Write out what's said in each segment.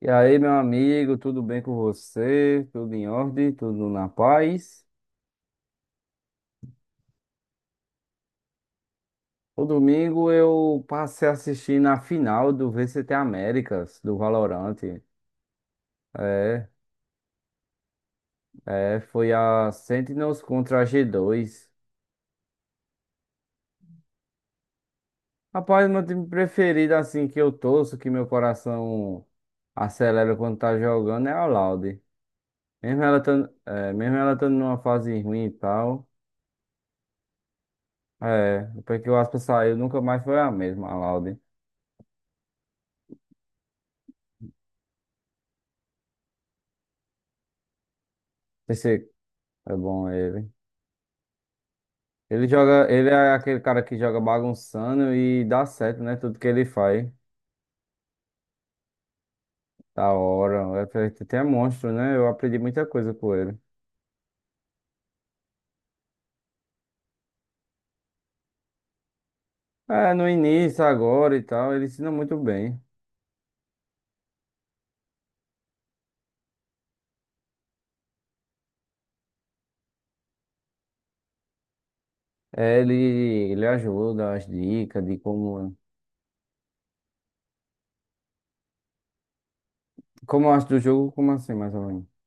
E aí, meu amigo, tudo bem com você? Tudo em ordem? Tudo na paz? O domingo eu passei a assistir na final do VCT Américas, do Valorant. É, Foi a Sentinels contra a G2. Rapaz, meu time preferido, assim, que eu torço, que meu coração acelera quando tá jogando, é a Loud. Mesmo ela tando, mesmo ela tando numa fase ruim e tal, é, depois que o Aspa saiu, nunca mais foi a mesma, a Loud. Pensei, é bom ele. Ele joga, ele é aquele cara que joga bagunçando e dá certo, né? Tudo que ele faz. Da hora. Até é monstro, né? Eu aprendi muita coisa com ele. É, no início, agora e tal, ele ensina muito bem. É, ele, ele ajuda as dicas de como. Como eu acho do jogo, como assim, mais ou menos?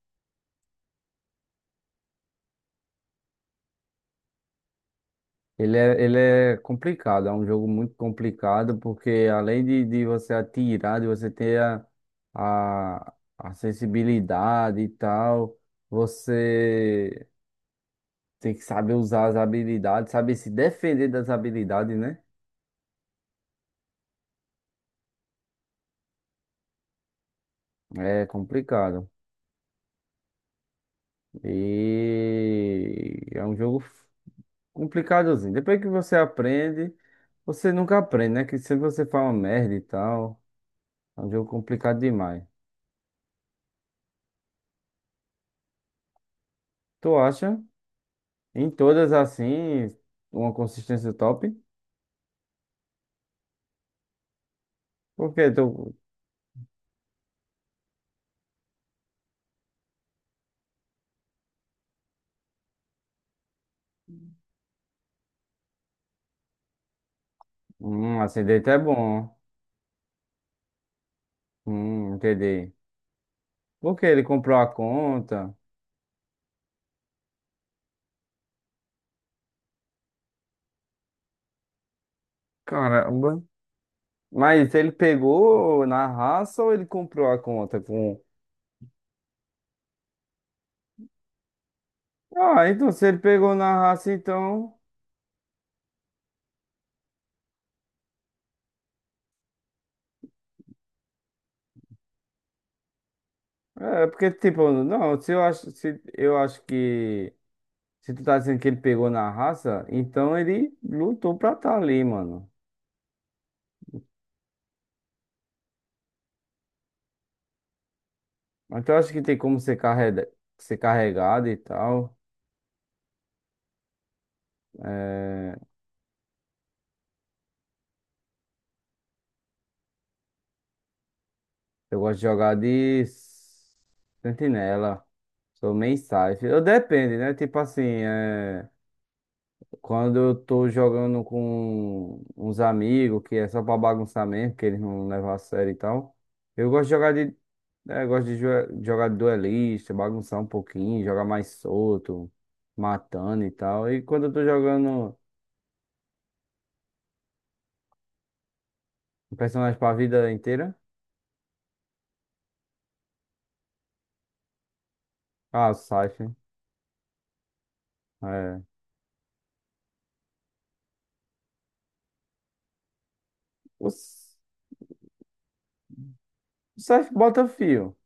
Ele é complicado, é um jogo muito complicado, porque além de você atirar, de você ter a, a sensibilidade e tal. Você tem que saber usar as habilidades, saber se defender das habilidades, né? É complicado. E é um jogo complicadozinho. Depois que você aprende, você nunca aprende, né? Que sempre você fala merda e tal. É um jogo complicado demais. Tu acha? Em todas assim, uma consistência top? Porque tu. Acidente é bom. Entendi. Porque ele comprou a conta. Caramba. Mas ele pegou na raça ou ele comprou a conta com. Ah, então se ele pegou na raça, então. É, porque, tipo, não, se eu acho, se, eu acho que. Se tu tá dizendo que ele pegou na raça, então ele lutou pra tá ali, mano. Mas eu acho que tem como ser carregado e tal. É, eu gosto de jogar de sentinela. Sou main safe. Eu depende, né? Tipo assim, é. Quando eu tô jogando com uns amigos, que é só pra bagunçar mesmo, que eles não levam a sério e tal, eu gosto de jogar de. É, eu gosto de jogar de duelista, bagunçar um pouquinho, jogar mais solto, matando e tal. E quando eu tô jogando um personagem pra vida inteira, ah, o Scythe. É. O, S- o Scythe bota fio.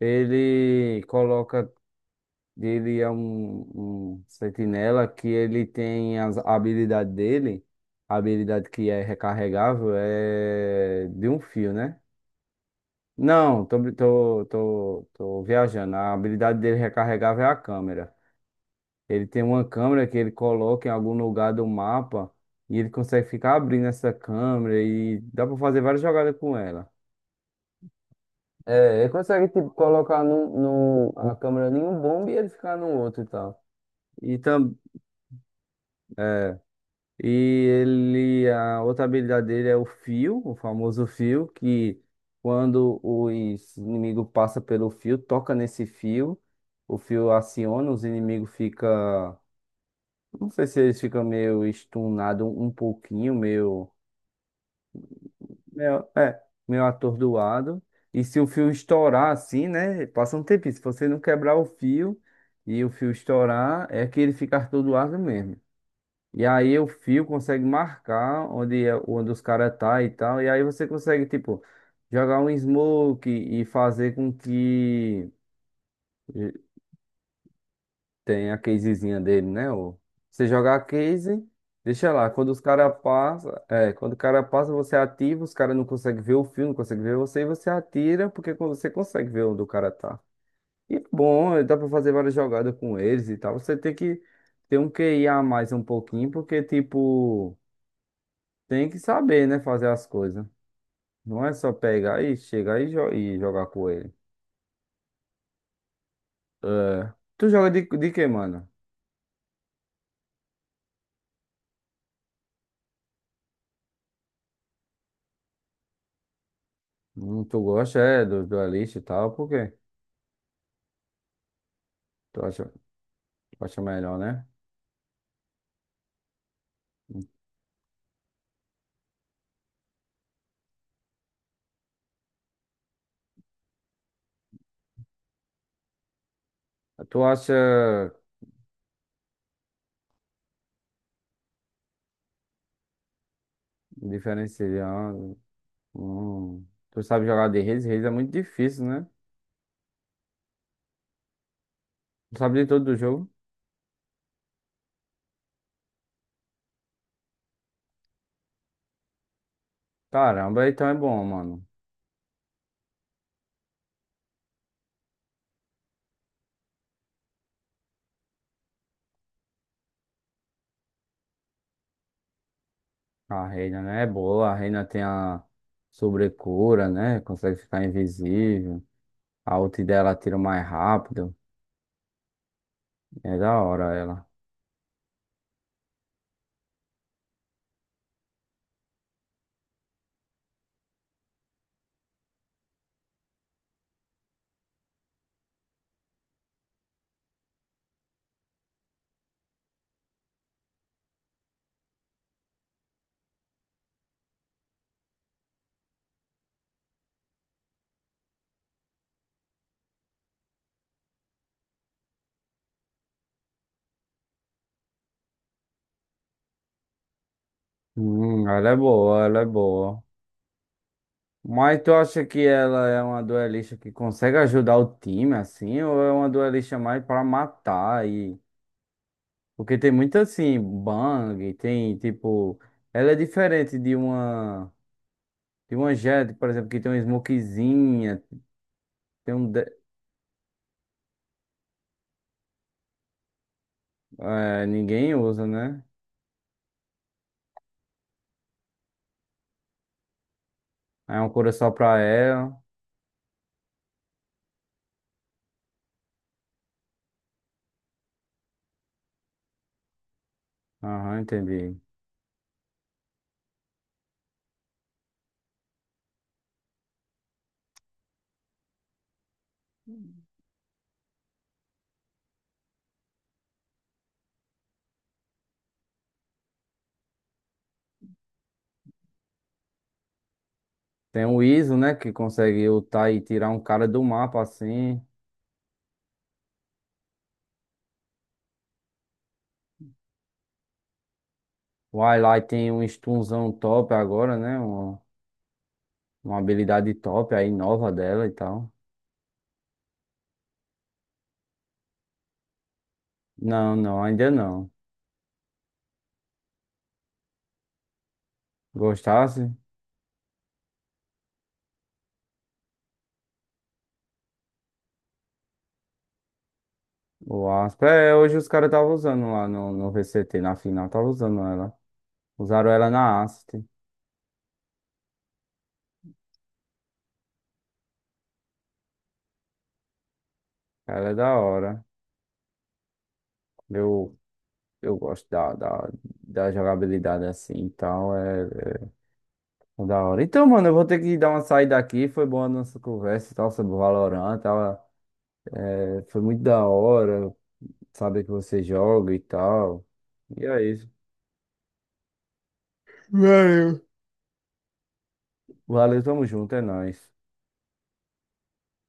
Ele coloca. Ele é um, um sentinela que ele tem a habilidade dele, a habilidade que é recarregável, é de um fio, né? Não, tô, bri- tô, tô, tô viajando. A habilidade dele recarregável é a câmera. Ele tem uma câmera que ele coloca em algum lugar do mapa e ele consegue ficar abrindo essa câmera e dá pra fazer várias jogadas com ela. É, ele consegue tipo, colocar a câmera em um bombe e ele ficar no outro e tal. E E ele, a outra habilidade dele é o fio, o famoso fio, que quando os inimigos passam pelo fio, toca nesse fio, o fio aciona, os inimigos ficam. Não sei se eles ficam meio estunados um pouquinho, meio, é, meio atordoado. E se o fio estourar assim, né? Passa um tempinho. Se você não quebrar o fio e o fio estourar, é que ele fica atordoado mesmo. E aí o fio consegue marcar onde, onde os caras tá e tal. E aí você consegue, tipo, jogar um smoke e fazer com que eh, tenha a casezinha dele, né? Ou você jogar a case, deixa lá. Quando os caras passam, é, quando o cara passa, você ativa, os caras não conseguem ver o fio, não conseguem ver você, e você atira, porque quando você consegue ver onde o cara tá. E é bom, eh, dá pra fazer várias jogadas com eles e tal. Você tem que ter um QI a mais um pouquinho, porque, tipo. Tem que saber, né? Fazer as coisas. Não é só pegar e chegar e jogar com ele. Tu joga de quê, mano? Tu gosta, é, dos duelistas e tal, por quê? Tu acha, tu acha melhor, né? Tu acha diferenciando. Hum, tu sabe jogar de Reis? Reis é muito difícil, né? Tu sabe de todo do jogo? Caramba, então é bom, mano. A Reina, né? É boa. A Reina tem a sobrecura, né? Consegue ficar invisível. A ult dela tira mais rápido. É da hora ela. Ela é boa. Mas tu acha que ela é uma duelista que consegue ajudar o time, assim, ou é uma duelista mais pra matar e... Porque tem muito, assim, bang, tem, tipo... Ela é diferente de uma... De uma Jett, por exemplo, que tem uma smokezinha, tem um... de- é, ninguém usa, né? É uma cura só pra ela. Aham, entendi. Tem o Iso, né, que consegue ultar e tirar um cara do mapa, assim... O Highlight tem um stunzão top agora, né? Uma habilidade top aí, nova dela e tal. Não, não, ainda não. Gostasse? O Aspa. É, hoje os caras estavam usando lá no VCT, na final, estavam usando ela. Usaram ela na Asset. Ela é da hora. Eu, eu gosto da jogabilidade assim e tal. É, é da hora. Então, mano, eu vou ter que dar uma saída aqui. Foi boa a nossa conversa e tal sobre o Valorant. Tava, é, foi muito da hora. Saber que você joga e tal. E é isso. Valeu. Valeu, tamo junto, é nóis.